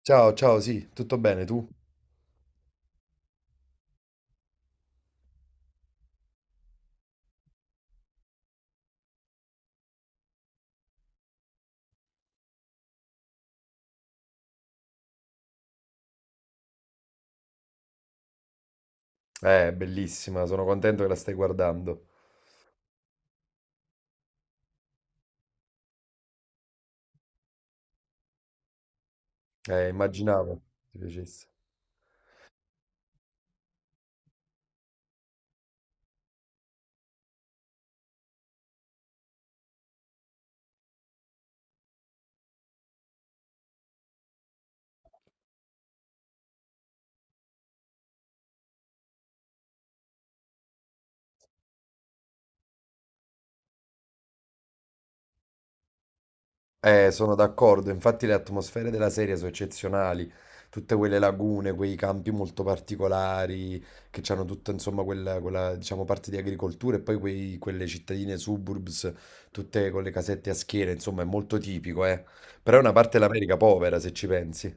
Ciao, ciao, sì, tutto bene tu? Bellissima, sono contento che la stai guardando. Immaginavo ti piacesse. Sono d'accordo, infatti le atmosfere della serie sono eccezionali, tutte quelle lagune, quei campi molto particolari, che hanno tutta, insomma, diciamo, parte di agricoltura e poi quelle cittadine suburbs, tutte con le casette a schiera, insomma, è molto tipico, eh. Però è una parte dell'America povera, se ci pensi.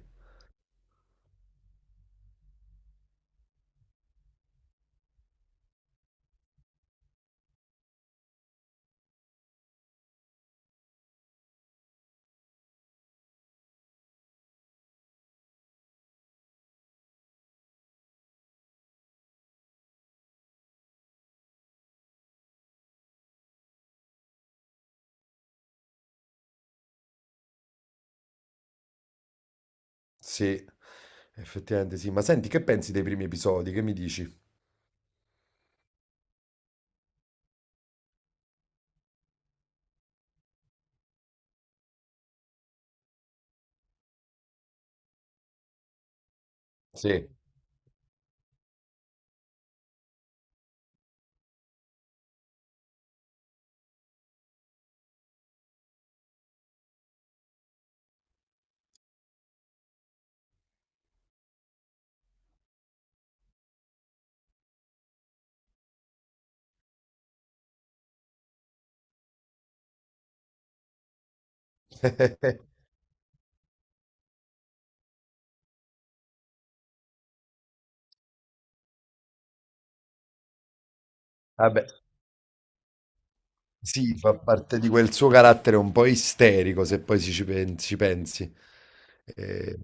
Sì, effettivamente sì. Ma senti, che pensi dei primi episodi? Che mi dici? Sì. Vabbè, sì, fa parte di quel suo carattere un po' isterico, se poi ci pensi. Eh,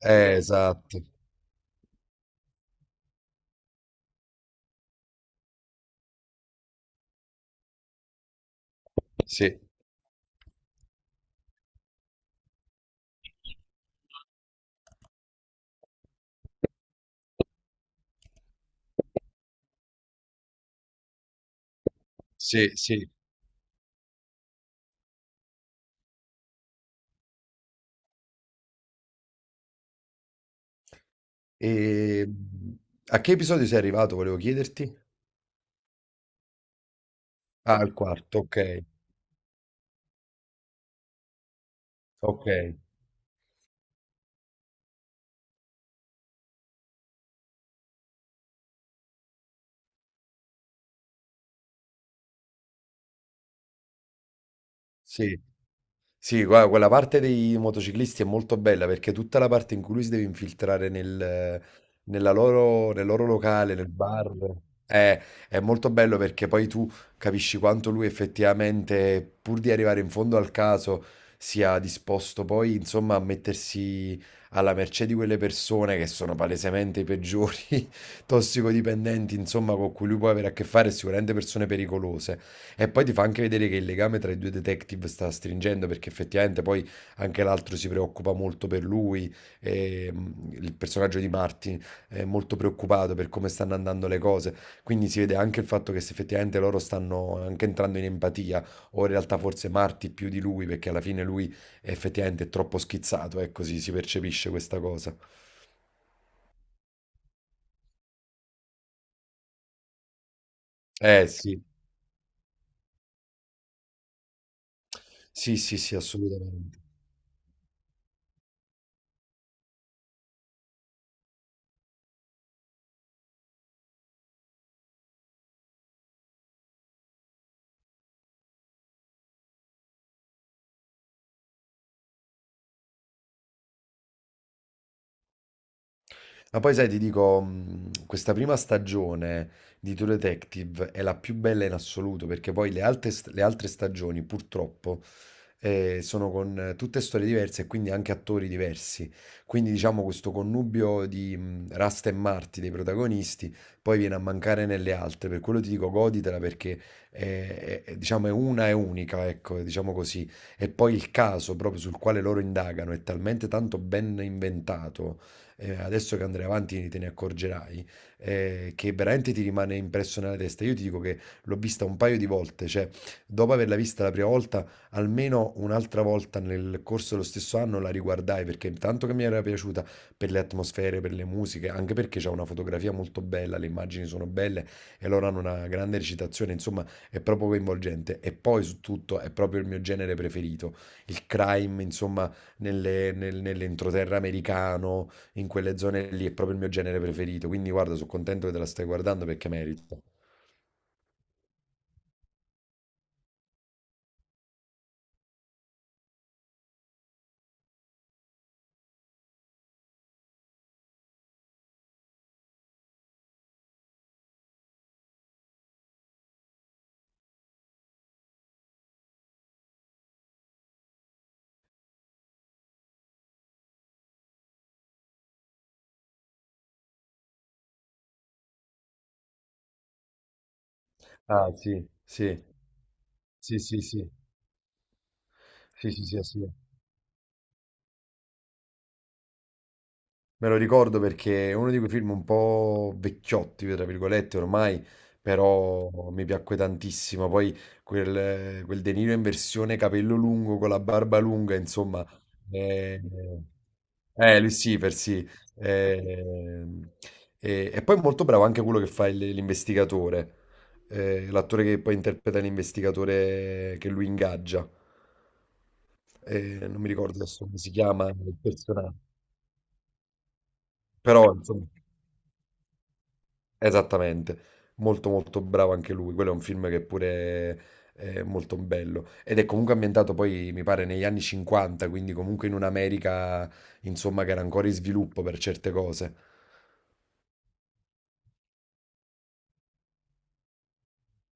esatto, sì, sì, sì. E a che episodio sei arrivato, volevo chiederti? Ah, al quarto, ok, ok, sì. Sì, guarda, quella parte dei motociclisti è molto bella perché tutta la parte in cui lui si deve infiltrare nella loro, nel loro locale, nel bar, è, è molto bello perché poi tu capisci quanto lui effettivamente, pur di arrivare in fondo al caso, sia disposto poi, insomma, a mettersi alla mercé di quelle persone che sono palesemente i peggiori tossicodipendenti, insomma, con cui lui può avere a che fare, sicuramente persone pericolose. E poi ti fa anche vedere che il legame tra i due detective sta stringendo perché effettivamente poi anche l'altro si preoccupa molto per lui, il personaggio di Martin è molto preoccupato per come stanno andando le cose, quindi si vede anche il fatto che se effettivamente loro stanno anche entrando in empatia, o in realtà forse Martin più di lui perché alla fine lui è effettivamente troppo schizzato, ecco, si percepisce questa cosa. Eh sì, sì, sì, sì, assolutamente. Ma poi sai, ti dico, questa prima stagione di True Detective è la più bella in assoluto, perché poi le altre, le altre stagioni, purtroppo, sono con tutte storie diverse e quindi anche attori diversi. Quindi diciamo questo connubio di Rasta e Marti dei protagonisti poi viene a mancare nelle altre, per quello ti dico goditela perché è, diciamo, è una e unica, ecco, diciamo così. E poi il caso proprio sul quale loro indagano è talmente tanto ben inventato, adesso che andrai avanti te ne accorgerai, che veramente ti rimane impresso nella testa. Io ti dico che l'ho vista un paio di volte, cioè dopo averla vista la prima volta almeno un'altra volta nel corso dello stesso anno la riguardai perché tanto che mi era piaciuta per le atmosfere, per le musiche, anche perché c'è una fotografia molto bella, le immagini sono belle e loro hanno una grande recitazione, insomma è proprio coinvolgente e poi su tutto è proprio il mio genere preferito, il crime, insomma nell'entroterra americano, in quelle zone lì è proprio il mio genere preferito, quindi guarda, sono contento che te la stai guardando perché merita. Ah, sì, sì, sì, sì, sì, sì, sì, sì, sì. Me lo ricordo perché è uno di quei film un po' vecchiotti, tra virgolette, ormai, però mi piacque tantissimo. Poi quel De Niro in versione capello lungo con la barba lunga, insomma. Eh, lui sì, per sì. Eh, e poi è molto bravo anche quello che fa l'investigatore, l'attore che poi interpreta l'investigatore che lui ingaggia. Non mi ricordo adesso come si chiama il personaggio, però insomma. Esattamente, molto molto bravo anche lui, quello è un film che pure è molto bello ed è comunque ambientato poi mi pare negli anni 50, quindi comunque in un'America insomma che era ancora in sviluppo per certe cose.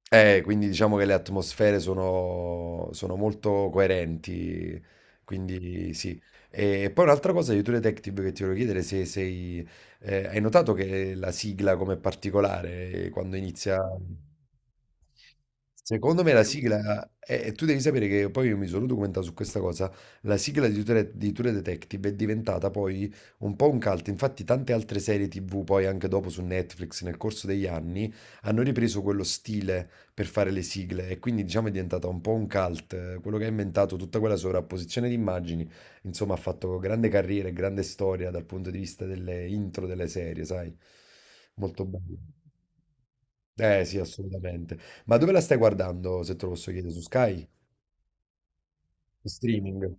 Quindi diciamo che le atmosfere sono molto coerenti, quindi sì. E poi un'altra cosa di True Detective che ti volevo chiedere se sei... hai notato che la sigla come particolare quando inizia... Secondo me la sigla, e tu devi sapere che poi io mi sono documentato su questa cosa, la sigla di True Detective è diventata poi un po' un cult, infatti tante altre serie TV poi anche dopo su Netflix nel corso degli anni hanno ripreso quello stile per fare le sigle e quindi diciamo è diventata un po' un cult, quello che ha inventato tutta quella sovrapposizione di immagini, insomma ha fatto grande carriera e grande storia dal punto di vista delle intro delle serie, sai? Molto bello. Eh sì, assolutamente. Ma dove la stai guardando, se te lo posso chiedere, su Sky? In Streaming?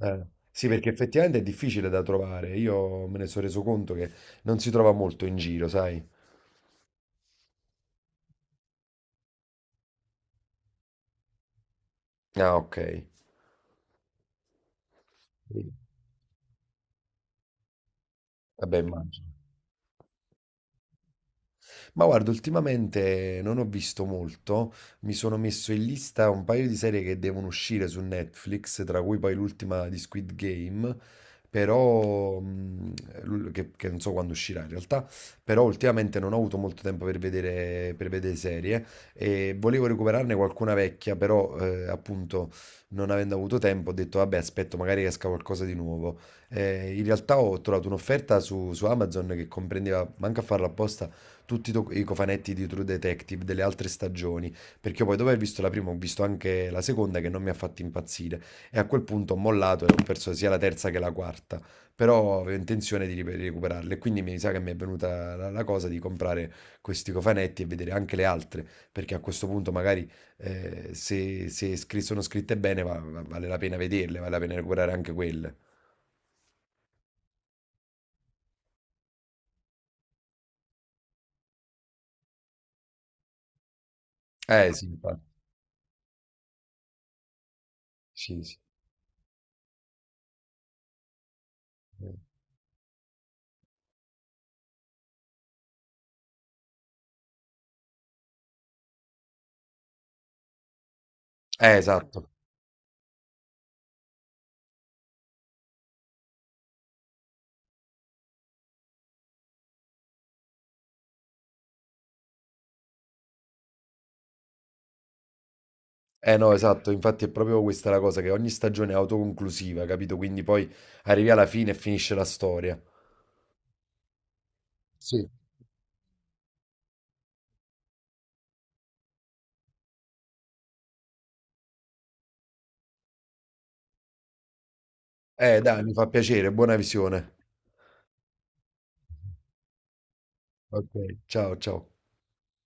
Eh, Sì, perché effettivamente è difficile da trovare. Io me ne sono reso conto che non si trova molto in giro, sai? Ah, ok. Sì. Vabbè, immagino. Ma guarda, ultimamente non ho visto molto, mi sono messo in lista un paio di serie che devono uscire su Netflix, tra cui poi l'ultima di Squid Game, però che non so quando uscirà in realtà, però ultimamente non ho avuto molto tempo per vedere serie e volevo recuperarne qualcuna vecchia, però appunto non avendo avuto tempo ho detto vabbè aspetto magari esca qualcosa di nuovo. In realtà ho trovato un'offerta su Amazon che comprendeva, manca a farla apposta, tutti i cofanetti di True Detective delle altre stagioni, perché io poi dopo aver visto la prima ho visto anche la seconda che non mi ha fatto impazzire e a quel punto ho mollato e ho perso sia la terza che la quarta, però avevo intenzione di recuperarle, quindi mi sa che mi è venuta la cosa di comprare questi cofanetti e vedere anche le altre, perché a questo punto magari se, sono scritte bene vale la pena vederle, vale la pena recuperare anche quelle. Eh sì, infatti. Sì, sì. Esatto. Eh no, esatto, infatti è proprio questa la cosa, che ogni stagione è autoconclusiva, capito? Quindi poi arrivi alla fine e finisce la storia. Sì. Dai, mi fa piacere, buona visione. Ok. Ciao, ciao.